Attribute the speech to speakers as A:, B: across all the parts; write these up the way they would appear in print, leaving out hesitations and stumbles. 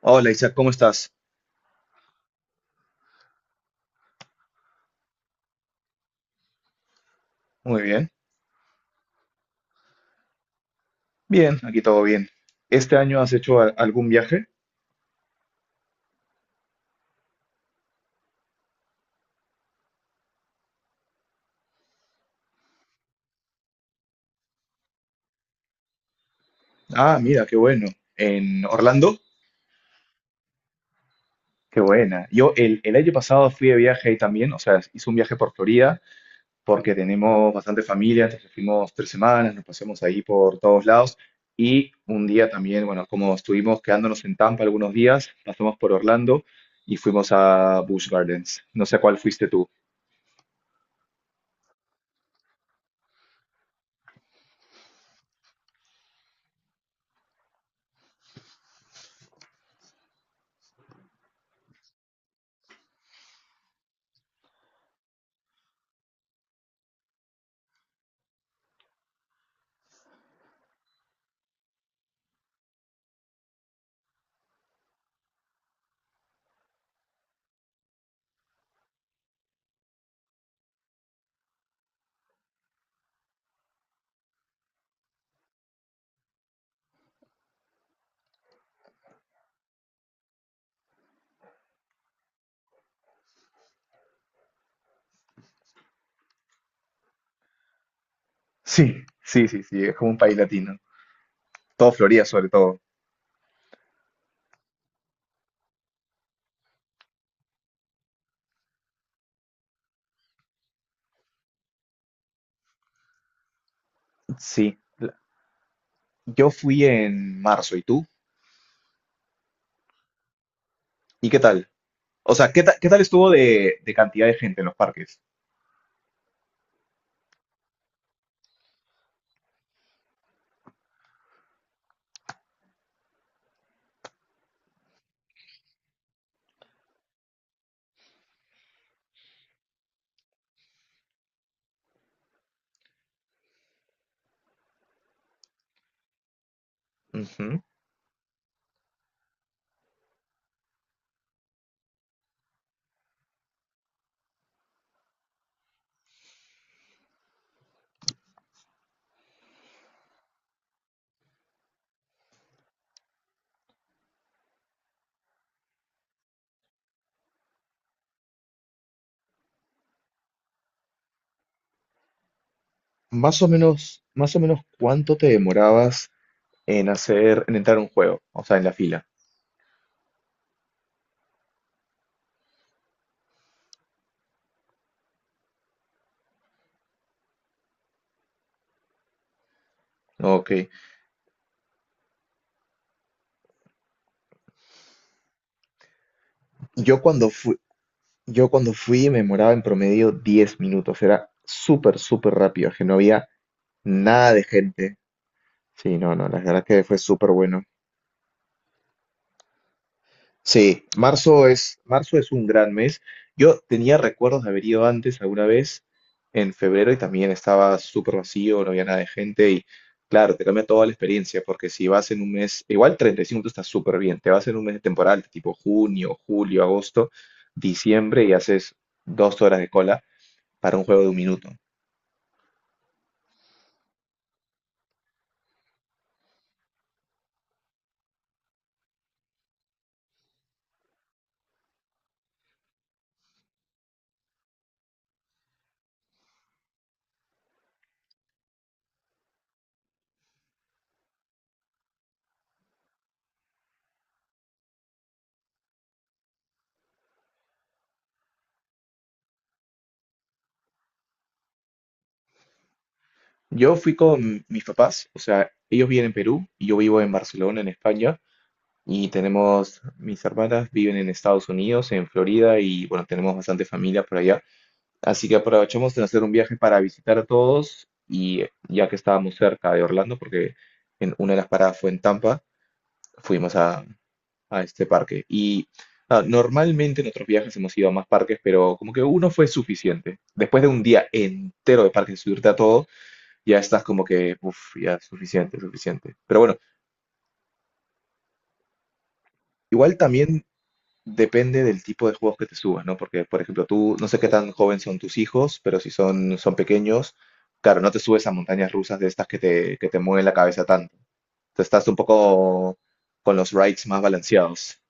A: Hola Isaac, ¿cómo estás? Muy bien. Bien, aquí todo bien. ¿Este año has hecho algún viaje? Ah, mira, qué bueno. ¿En Orlando? Qué buena. Yo el año pasado fui de viaje ahí también, o sea, hice un viaje por Florida porque tenemos bastante familia, entonces fuimos 3 semanas, nos pasamos ahí por todos lados y un día también, bueno, como estuvimos quedándonos en Tampa algunos días, pasamos por Orlando y fuimos a Busch Gardens. No sé a cuál fuiste tú. Sí, sí, sí, sí, es como un país latino. Todo Florida sobre todo. Sí, la- yo fui en marzo, ¿y tú? ¿Y qué tal? O sea, qué tal estuvo de cantidad de gente en los parques? Ujú. Más o menos, ¿cuánto te demorabas en hacer, en entrar a un juego? O sea, en la fila. Ok. Yo cuando fui, yo cuando fui me demoraba en promedio 10 minutos. Era súper, súper rápido, que no había nada de gente. Sí, no, no, la verdad que fue súper bueno. Sí, marzo es un gran mes. Yo tenía recuerdos de haber ido antes alguna vez en febrero y también estaba súper vacío, no había nada de gente y claro, te cambia toda la experiencia porque si vas en un mes, igual 35 está súper bien, te vas en un mes de temporada tipo junio, julio, agosto, diciembre y haces 2 horas de cola para un juego de un minuto. Yo fui con mis papás, o sea, ellos viven en Perú y yo vivo en Barcelona, en España. Y tenemos, mis hermanas viven en Estados Unidos, en Florida, y bueno, tenemos bastante familia por allá. Así que aprovechamos de hacer un viaje para visitar a todos y ya que estábamos cerca de Orlando, porque en una de las paradas fue en Tampa, fuimos a este parque. Y ah, normalmente en otros viajes hemos ido a más parques, pero como que uno fue suficiente. Después de un día entero de parques, subirte a todo, ya estás como que, uff, ya es suficiente, suficiente. Pero bueno, igual también depende del tipo de juegos que te subas, ¿no? Porque, por ejemplo, tú, no sé qué tan joven son tus hijos, pero si son, son pequeños, claro, no te subes a montañas rusas de estas que te mueven la cabeza tanto. Te estás un poco con los rides más balanceados.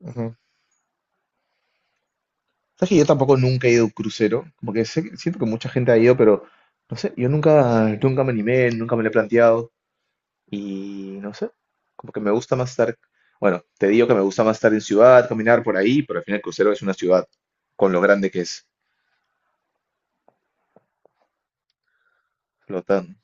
A: Ujú. Sabes que yo tampoco nunca he ido a un crucero, como que siento que mucha gente ha ido, pero no sé, yo nunca, nunca me animé, nunca me lo he planteado y no sé, como que me gusta más estar, bueno, te digo que me gusta más estar en ciudad, caminar por ahí, pero al final el crucero es una ciudad con lo grande que es. Flotando.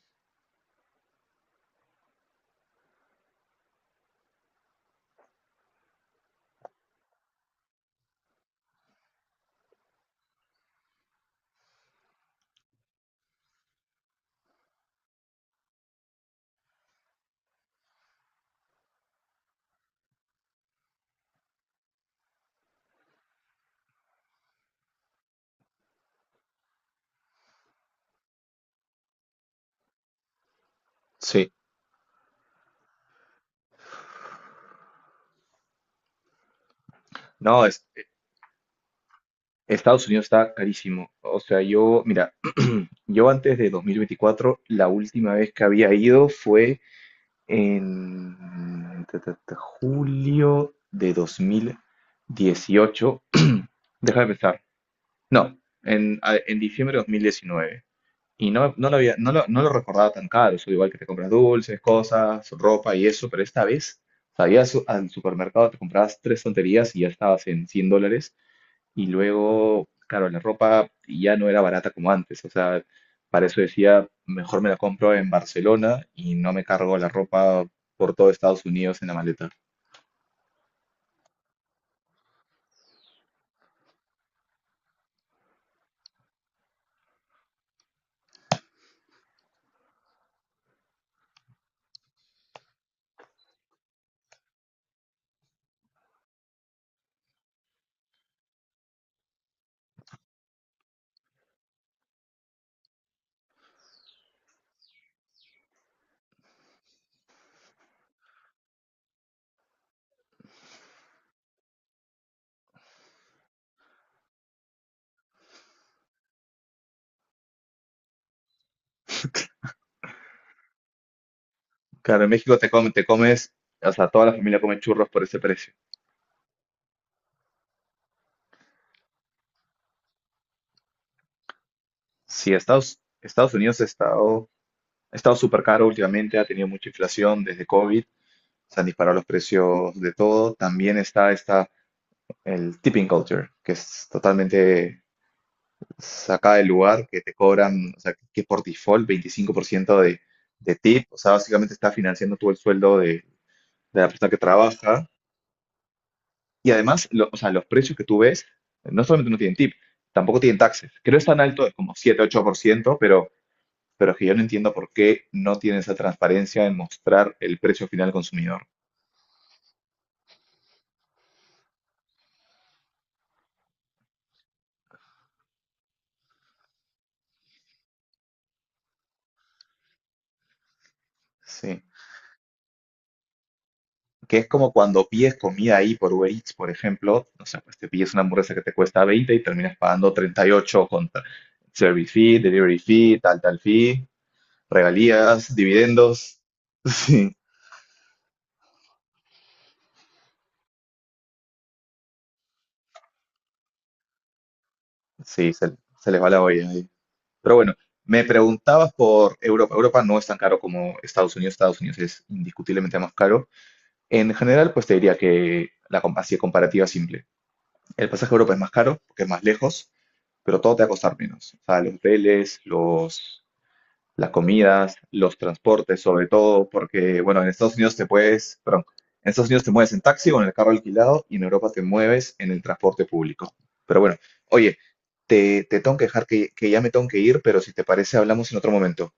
A: Sí. No, es, Estados Unidos está carísimo. O sea, yo, mira, yo antes de 2024, la última vez que había ido fue en ta, ta, ta, julio de 2018. Deja de pensar. No, en, en diciembre de 2019. Y no, no lo había, no lo, no lo recordaba tan caro. Eso igual que te compras dulces, cosas, ropa y eso, pero esta vez, sabías, al supermercado te comprabas tres tonterías y ya estabas en $100. Y luego, claro, la ropa ya no era barata como antes. O sea, para eso decía, mejor me la compro en Barcelona y no me cargo la ropa por todo Estados Unidos en la maleta. Claro, en México te comes, o sea, toda la familia come churros por ese precio. Sí, Estados Unidos ha estado súper caro últimamente, ha tenido mucha inflación desde COVID, se han disparado los precios de todo. También está el tipping culture, que es totalmente saca del lugar que te cobran, o sea, que por default 25% de tip, o sea, básicamente está financiando tú el sueldo de la persona que trabaja. Y además, o sea, los precios que tú ves, no solamente no tienen tip, tampoco tienen taxes. Creo que no es tan alto, es como 7-8% pero es que yo no entiendo por qué no tiene esa transparencia en mostrar el precio final al consumidor. Sí. Que es como cuando pides comida ahí por Uber Eats, por ejemplo, o sea, pues te pides una hamburguesa que te cuesta 20 y terminas pagando 38 con service fee, delivery fee, tal, tal fee, regalías, dividendos. Sí, sí, se les va la olla ahí. Pero bueno, me preguntabas por Europa. Europa no es tan caro como Estados Unidos. Estados Unidos es indiscutiblemente más caro. En general, pues te diría que así de comparativa simple. El pasaje a Europa es más caro porque es más lejos pero todo te va a costar menos. O sea, los hoteles, las comidas, los transportes, sobre todo, porque, bueno, en Estados Unidos te puedes, perdón, en Estados Unidos te mueves en taxi o en el carro alquilado y en Europa te mueves en el transporte público. Pero bueno, oye, te tengo que dejar que ya me tengo que ir, pero si te parece, hablamos en otro momento.